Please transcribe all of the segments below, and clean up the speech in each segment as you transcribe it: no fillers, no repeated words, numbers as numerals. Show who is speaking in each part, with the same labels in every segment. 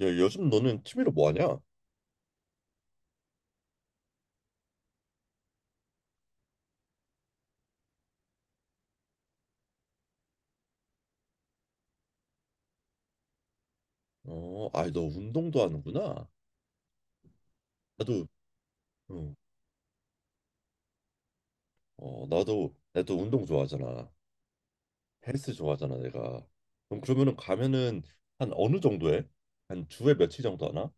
Speaker 1: 야, 요즘 너는 취미로 뭐 하냐? 어, 아이 너 운동도 하는구나. 나도 응. 어, 나도 운동 좋아하잖아. 헬스 좋아하잖아, 내가. 그럼 그러면은 가면은 한 어느 정도 해? 한 주에 며칠 정도 하나?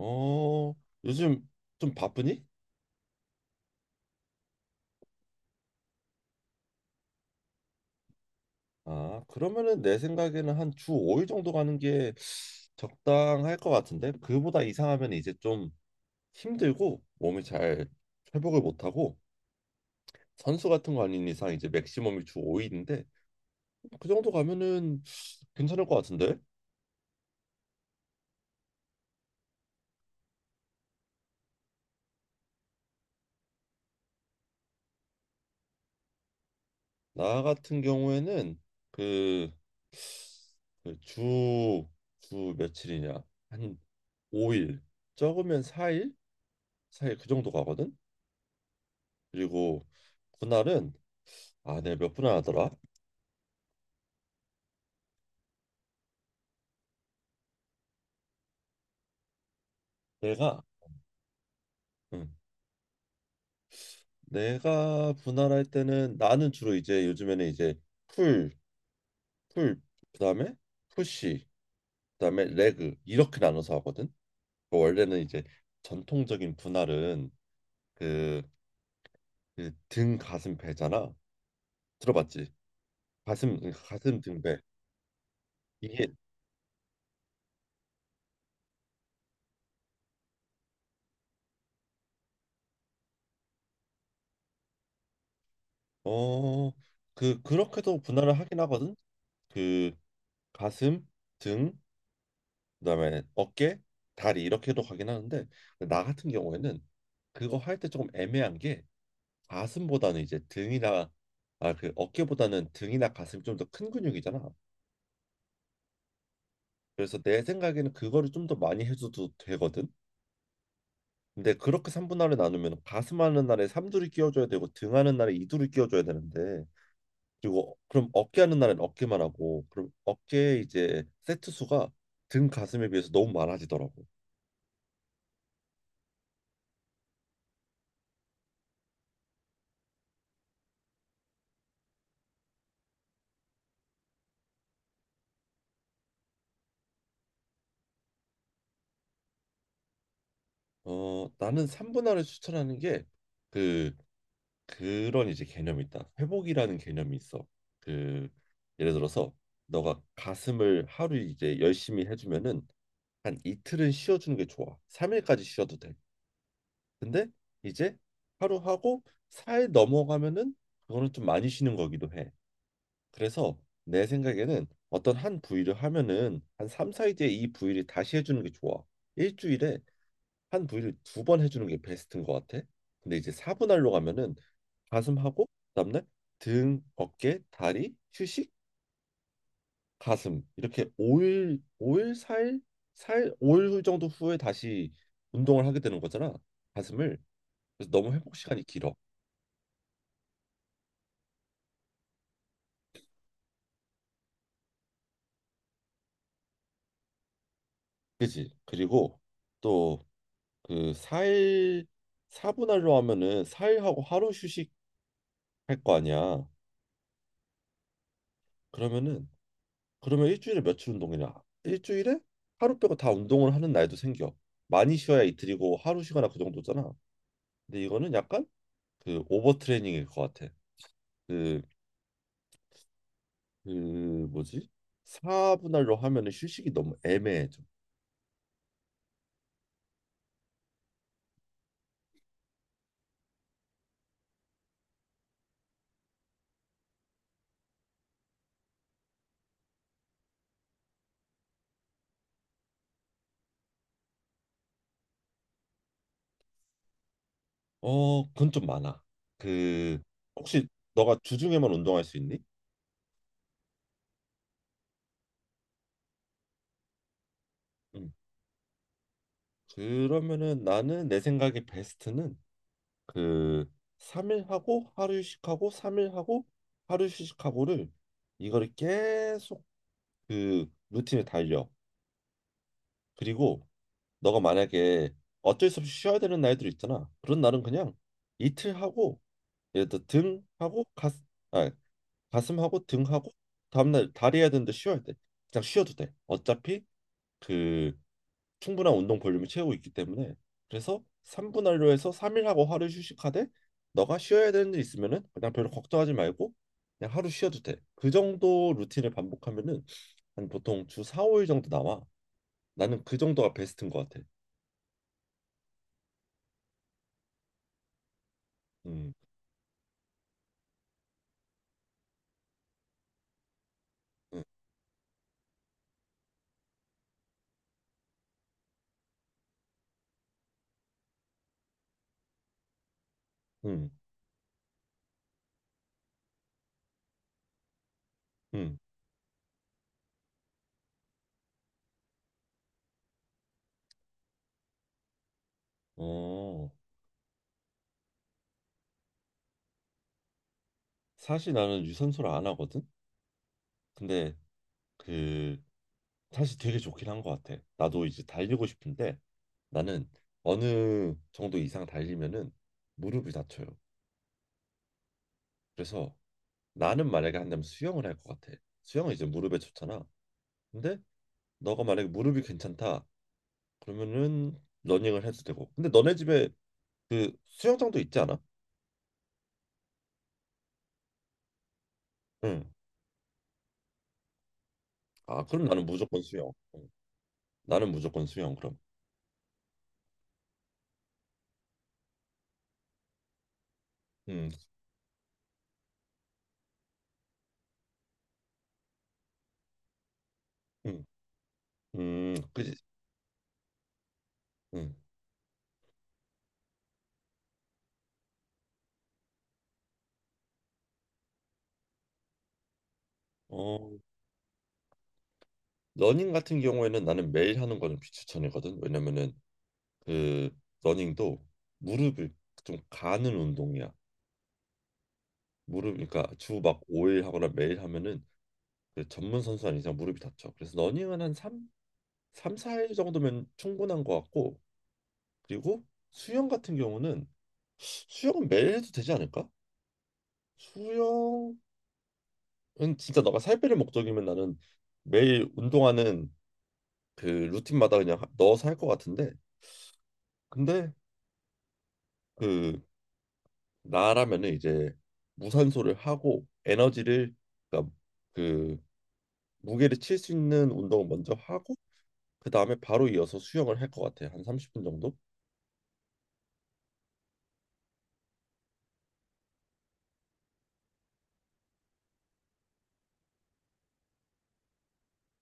Speaker 1: 어, 요즘 좀 바쁘니? 아, 그러면은 내 생각에는 한 주 5일 정도 가는 게 적당할 것 같은데. 그보다 이상하면 이제 좀 힘들고 몸이 잘 회복을 못 하고 선수 같은 거 아닌 이상 이제 맥시멈이 주 5일인데 그 정도 가면은 괜찮을 것 같은데. 나 같은 경우에는 그 그 주 며칠이냐? 한 5일, 적으면 4일? 4일 그 정도 가거든? 그리고 분할은 아, 내가 몇 분할하더라? 내가, 응, 내가 분할할 때는 나는 주로 이제 요즘에는 이제 풀, 풀, 그다음에 푸시, 그다음에 레그 이렇게 나눠서 하거든? 원래는 이제 전통적인 분할은 그 이제 등 가슴 배잖아. 들어봤지? 가슴 응, 가슴 등 배. 이게 어 그 그렇게도 분할을 하긴 하거든. 그 가슴 등 그다음에 어깨 다리 이렇게도 가긴 하는데 나 같은 경우에는 그거 할 때 조금 애매한 게 가슴보다는 이제 등이나 아 그 어깨보다는 등이나 가슴이 좀 더 큰 근육이잖아. 그래서 내 생각에는 그거를 좀 더 많이 해줘도 되거든. 근데 그렇게 삼분할을 나누면 가슴하는 날에 삼두를 끼워줘야 되고 등하는 날에 이두를 끼워줘야 되는데 그리고 어, 그럼 어깨하는 날엔 어깨만 하고 그럼 어깨 이제 세트 수가 등 가슴에 비해서 너무 많아지더라고. 어, 나는 삼분할을 추천하는 게 그 그런 이제 개념이 있다. 회복이라는 개념이 있어. 그 예를 들어서 너가 가슴을 하루 이제 열심히 해주면은 한 이틀은 쉬어주는 게 좋아. 3일까지 쉬어도 돼. 근데 이제 하루 하고 4일 넘어가면은 그거는 좀 많이 쉬는 거기도 해. 그래서 내 생각에는 어떤 한 부위를 하면은 한 3, 4일 뒤에 이 부위를 다시 해주는 게 좋아. 일주일에 한 부위를 두 번 해주는 게 베스트인 것 같아. 근데 이제 4분할로 가면은 가슴하고 그다음날 등, 어깨, 다리, 휴식, 가슴 이렇게 5일, 오일 사일 4일, 5일 정도 후에 다시 운동을 하게 되는 거잖아. 가슴을. 그래서 너무 회복 시간이 길어. 그지? 그리고 또 그 4일 4분할로 하면은 4일하고 하루 휴식할 거 아니야. 그러면은 그러면 일주일에 며칠 운동이냐? 일주일에 하루 빼고 다 운동을 하는 날도 생겨. 많이 쉬어야 이틀이고 하루 쉬거나 그 정도잖아. 근데 이거는 약간 그 오버트레이닝일 것 같아. 그, 그 뭐지? 4분할로 하면은 휴식이 너무 애매해 좀. 어, 그건 좀 많아. 그 혹시 너가 주중에만 운동할 수 있니? 응. 그러면은 나는 내 생각에 베스트는 그 3일 하고 하루 휴식하고 3일 하고 하루 휴식하고를 이거를 계속 그 루틴에 달려. 그리고 너가 만약에 어쩔 수 없이 쉬어야 되는 날들 있잖아. 그런 날은 그냥 이틀 하고 예를 들어 등 하고 가슴 아 가슴 하고 등 하고 다음날 다리 해야 되는데 쉬어야 돼. 그냥 쉬어도 돼. 어차피 그 충분한 운동 볼륨을 채우고 있기 때문에. 그래서 3분 할로해서 3일 하고 하루 휴식하되 너가 쉬어야 되는 일 있으면은 그냥 별로 걱정하지 말고 그냥 하루 쉬어도 돼. 그 정도 루틴을 반복하면은 한 보통 주 4, 5일 정도 나와. 나는 그 정도가 베스트인 것 같아. 음, 음, 음, 음. 어, 사실 나는 유산소를 안 하거든. 근데 그 사실 되게 좋긴 한 것 같아. 나도 이제 달리고 싶은데 나는 어느 정도 이상 달리면은 무릎이 다쳐요. 그래서 나는 만약에 한다면 수영을 할 것 같아. 수영은 이제 무릎에 좋잖아. 근데 너가 만약에 무릎이 괜찮다 그러면은 러닝을 해도 되고. 근데 너네 집에 그 수영장도 있지 않아? 응. 아 그럼 나는 무조건 수영. 응. 나는 무조건 수영 그럼. 응. 응. 그지. 응. 어. 러닝 같은 경우에는 나는 매일 하는 거는 비추천이거든. 왜냐면은 그 러닝도 무릎을 좀 가는 운동이야. 무릎 그러니까 주막 5일 하거나 매일 하면은 그 전문 선수 아닌 이상 무릎이 다쳐. 그래서 러닝은 한 3, 삼 4일 정도면 충분한 것 같고 그리고 수영 같은 경우는 수영은 매일 해도 되지 않을까? 수영은 진짜 너가 살 빼는 목적이면 나는 매일 운동하는 그 루틴마다 그냥 넣어서 할 것 같은데 근데 그 나라면은 이제 무산소를 하고 에너지를 그러니까 그 무게를 칠 수 있는 운동을 먼저 하고 그 다음에 바로 이어서 수영을 할 것 같아. 한 30분 정도?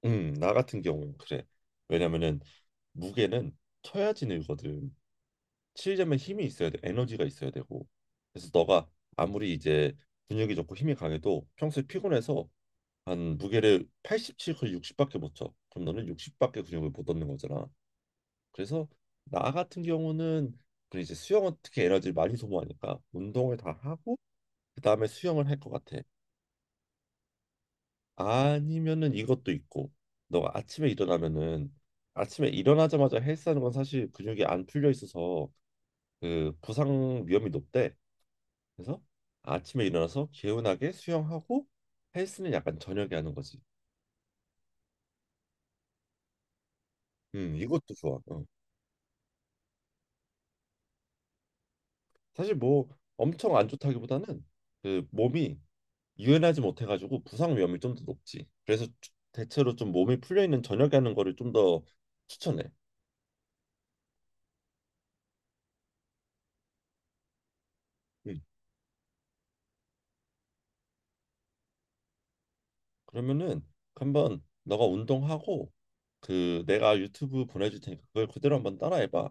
Speaker 1: 나 같은 경우는 그래. 왜냐면은 무게는 쳐야지 늘거든. 치려면 힘이 있어야 돼. 에너지가 있어야 되고. 그래서 너가 아무리 이제 근육이 좋고 힘이 강해도 평소에 피곤해서 한 무게를 87, 거의 60밖에 못 쳐. 그럼 너는 60밖에 근육을 못 얻는 거잖아. 그래서 나 같은 경우는 그 이제 수영은 특히 에너지를 많이 소모하니까 운동을 다 하고 그다음에 수영을 할 것 같아. 아니면은 이것도 있고 너가 아침에 일어나면은 아침에 일어나자마자 헬스하는 건 사실 근육이 안 풀려 있어서 그 부상 위험이 높대. 그래서 아침에 일어나서 개운하게 수영하고 헬스는 약간 저녁에 하는 거지. 이것도 좋아. 어. 사실 뭐 엄청 안 좋다기보다는 그 몸이 유연하지 못해가지고 부상 위험이 좀 더 높지. 그래서 대체로 좀 몸이 풀려 있는 저녁에 하는 거를 좀 더 추천해. 음. 그러면은 한번 너가 운동하고 그 내가 유튜브 보내줄 테니까 그걸 그대로 한번 따라해봐.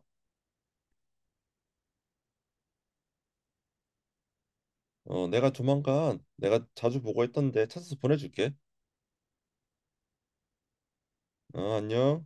Speaker 1: 어, 내가 조만간 내가 자주 보고 했던데 찾아서 보내줄게. 어, 안녕.